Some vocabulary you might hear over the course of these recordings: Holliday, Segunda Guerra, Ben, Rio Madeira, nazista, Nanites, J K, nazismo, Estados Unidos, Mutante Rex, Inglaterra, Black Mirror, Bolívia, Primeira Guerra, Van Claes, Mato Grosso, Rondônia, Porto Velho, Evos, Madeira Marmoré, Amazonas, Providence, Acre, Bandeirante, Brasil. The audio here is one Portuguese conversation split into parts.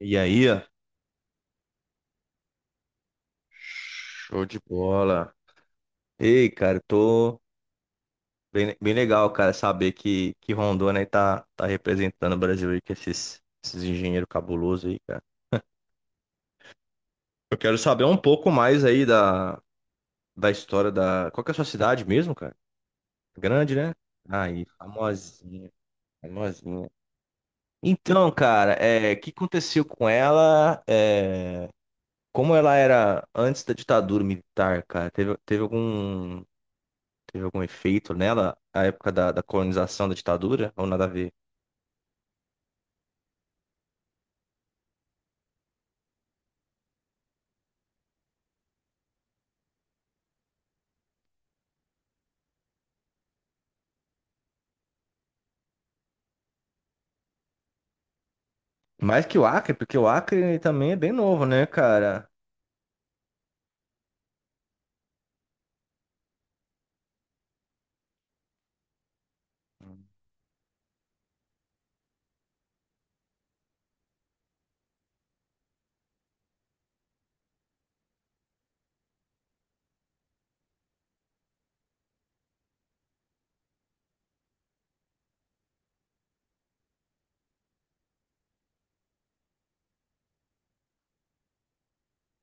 E aí, ó, show de bola. Ei, cara, eu tô bem, bem legal, cara, saber que Rondônia aí tá representando o Brasil aí com esses engenheiros cabulosos aí, cara. Eu quero saber um pouco mais aí da história da. Qual que é a sua cidade mesmo, cara? Grande, né? Aí, famosinha, famosinha. Então, cara, é, o que aconteceu com ela? É, como ela era antes da ditadura militar, cara? Teve algum efeito nela, a época da colonização da ditadura, ou nada a ver? Mais que o Acre, porque o Acre também é bem novo, né, cara?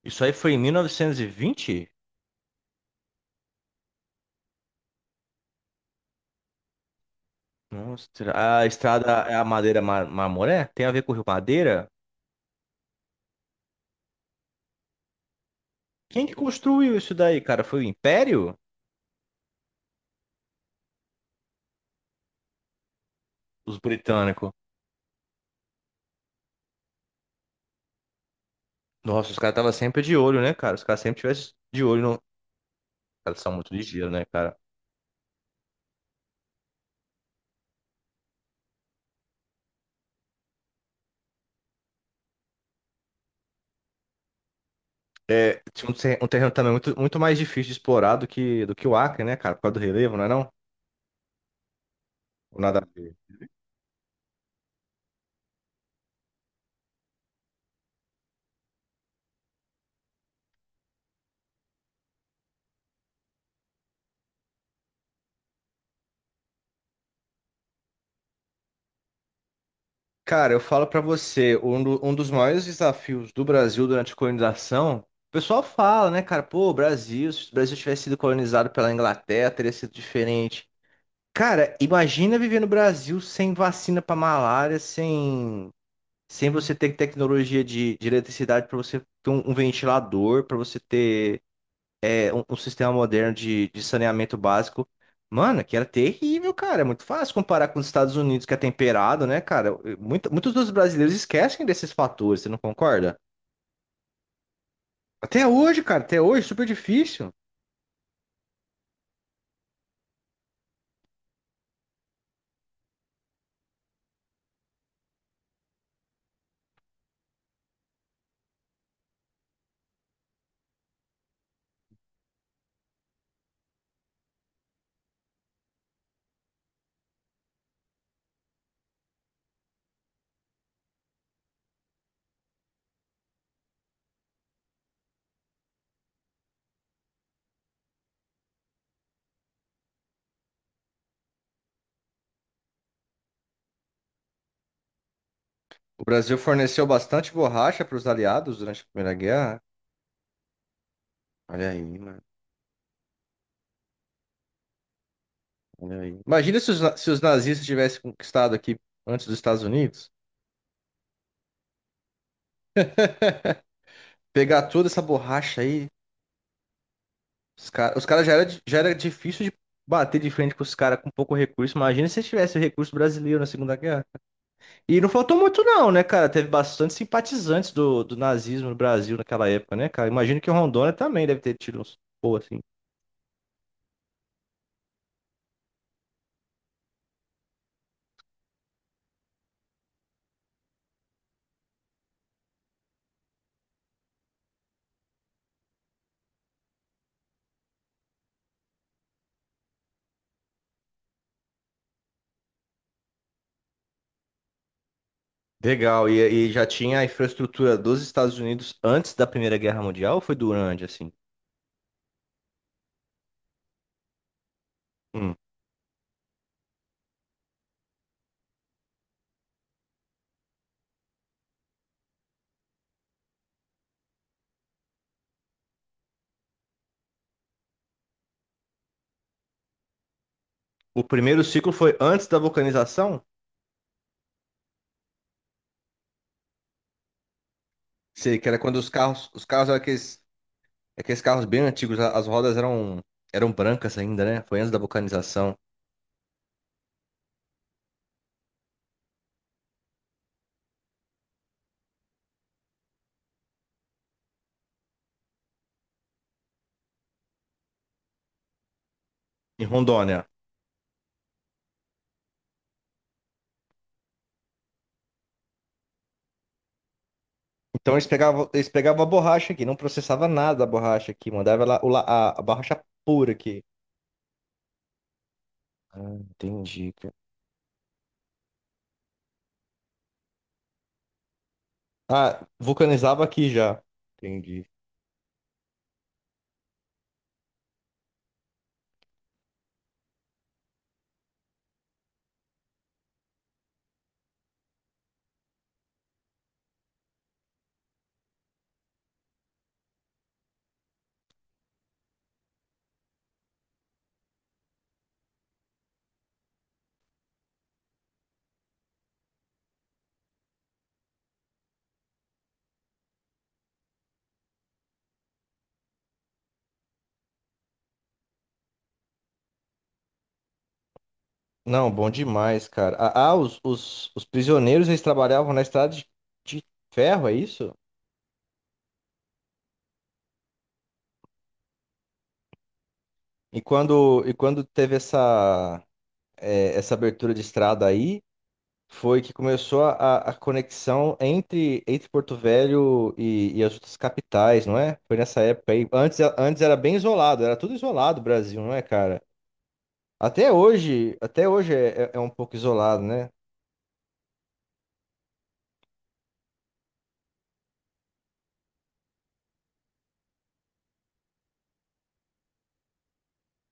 Isso aí foi em 1920? Nossa, a estrada, é a Marmoré? Tem a ver com o Rio Madeira? Quem que construiu isso daí, cara? Foi o Império? Os britânicos? Nossa, os caras estavam sempre de olho, né, cara? Os caras sempre tivessem de olho no... Eles são muito ligeiros, né, cara? É, tinha um terreno também muito mais difícil de explorar do que o Acre, né, cara? Por causa do relevo, não é não? Ou nada. Cara, eu falo pra você, um dos maiores desafios do Brasil durante a colonização, o pessoal fala, né, cara, pô, o Brasil, se o Brasil tivesse sido colonizado pela Inglaterra, teria sido diferente. Cara, imagina viver no Brasil sem vacina pra malária, sem, sem você ter tecnologia de eletricidade pra você ter um ventilador, pra você ter um sistema moderno de saneamento básico. Mano, que era terrível, cara. É muito fácil comparar com os Estados Unidos, que é temperado, né, cara? Muitos dos brasileiros esquecem desses fatores, você não concorda? Até hoje, cara, até hoje, super difícil. O Brasil forneceu bastante borracha para os aliados durante a Primeira Guerra. Olha aí, mano. Olha aí. Imagina se se os nazistas tivessem conquistado aqui antes dos Estados Unidos. Pegar toda essa borracha aí. Os caras os cara já era difícil de bater de frente com os caras com pouco recurso. Imagina se tivesse recurso brasileiro na Segunda Guerra. E não faltou muito, não, né, cara? Teve bastante simpatizantes do nazismo no Brasil naquela época, né, cara? Imagino que o Rondônia também deve ter tido uns. Pô, assim. Legal. E já tinha a infraestrutura dos Estados Unidos antes da Primeira Guerra Mundial ou foi durante, assim? Hum. O primeiro ciclo foi antes da vulcanização? Sei que era quando os carros eram aqueles é que esses carros bem antigos, as rodas eram brancas ainda, né? Foi antes da vulcanização em Rondônia. Então eles pegavam a borracha aqui, não processava nada da borracha aqui, mandava ela, a borracha pura aqui. Ah, entendi, cara. Ah, vulcanizava aqui já. Entendi. Não, bom demais, cara. Os prisioneiros eles trabalhavam na estrada de ferro, é isso? E quando teve essa, é, essa abertura de estrada aí. Foi que começou a conexão entre Porto Velho e as outras capitais, não é? Foi nessa época aí. Antes era bem isolado, era tudo isolado o Brasil, não é, cara? Até hoje é, é um pouco isolado, né?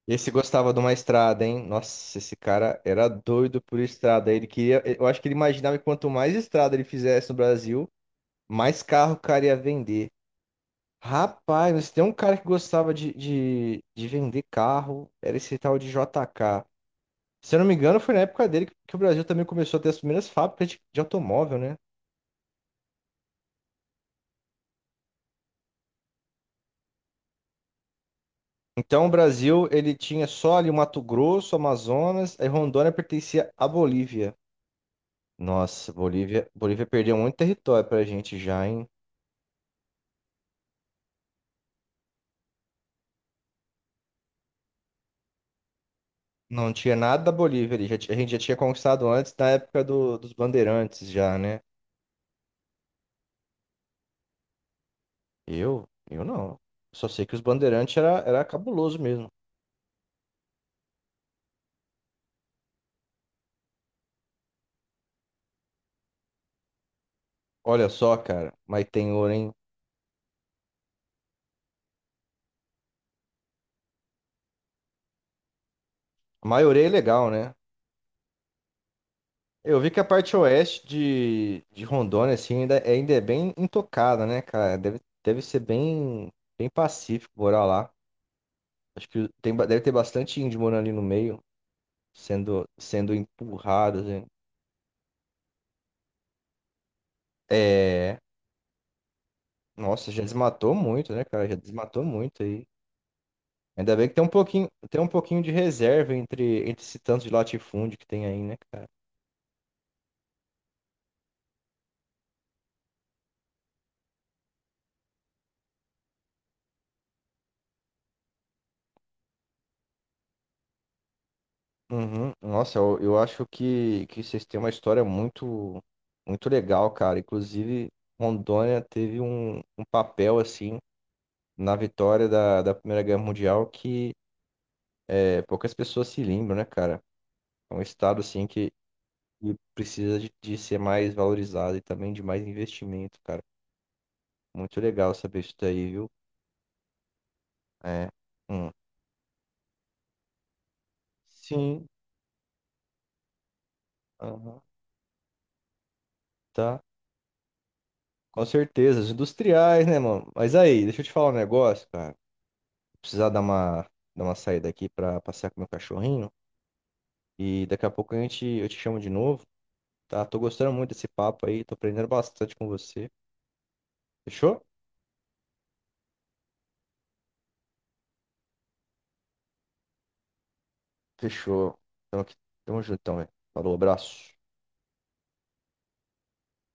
Esse gostava de uma estrada, hein? Nossa, esse cara era doido por estrada. Ele queria, eu acho que ele imaginava que quanto mais estrada ele fizesse no Brasil, mais carro o cara ia vender. Rapaz, mas tem um cara que gostava de vender carro, era esse tal de JK. Se eu não me engano, foi na época dele que o Brasil também começou a ter as primeiras fábricas de automóvel, né? Então, o Brasil, ele tinha só ali o Mato Grosso, Amazonas, aí Rondônia pertencia à Bolívia. Nossa, Bolívia perdeu muito território pra gente já, hein? Não tinha nada da Bolívia ali, a gente já tinha conquistado antes, na época dos Bandeirantes já, né? Eu? Eu não. Só sei que os Bandeirantes era cabuloso mesmo. Olha só, cara, mas tem ouro, hein? A maioria é legal, né? Eu vi que a parte oeste de Rondônia, assim, ainda é bem intocada, né, cara? Deve ser bem, bem pacífico morar lá. Acho que tem, deve ter bastante índio morando ali no meio, sendo empurrado, assim. É, nossa, já desmatou muito, né, cara? Já desmatou muito aí. Ainda bem que tem um pouquinho de reserva entre esse tanto de latifúndio que tem aí, né, cara? Uhum. Nossa, eu acho que vocês têm uma história muito, muito legal, cara. Inclusive, Rondônia teve um papel, assim, na vitória da Primeira Guerra Mundial que é, poucas pessoas se lembram, né, cara? É um estado, assim, que precisa de ser mais valorizado e também de mais investimento, cara. Muito legal saber isso daí, viu? É. Hum. Sim. Aham. Tá. Com certeza. Os industriais, né, mano? Mas aí, deixa eu te falar um negócio, cara. Precisar dar uma saída aqui pra passear com meu cachorrinho. E daqui a pouco a gente, eu te chamo de novo, tá? Tô gostando muito desse papo aí, tô aprendendo bastante com você. Fechou? Fechou. Então aqui, tamo juntão, velho. Falou, abraço.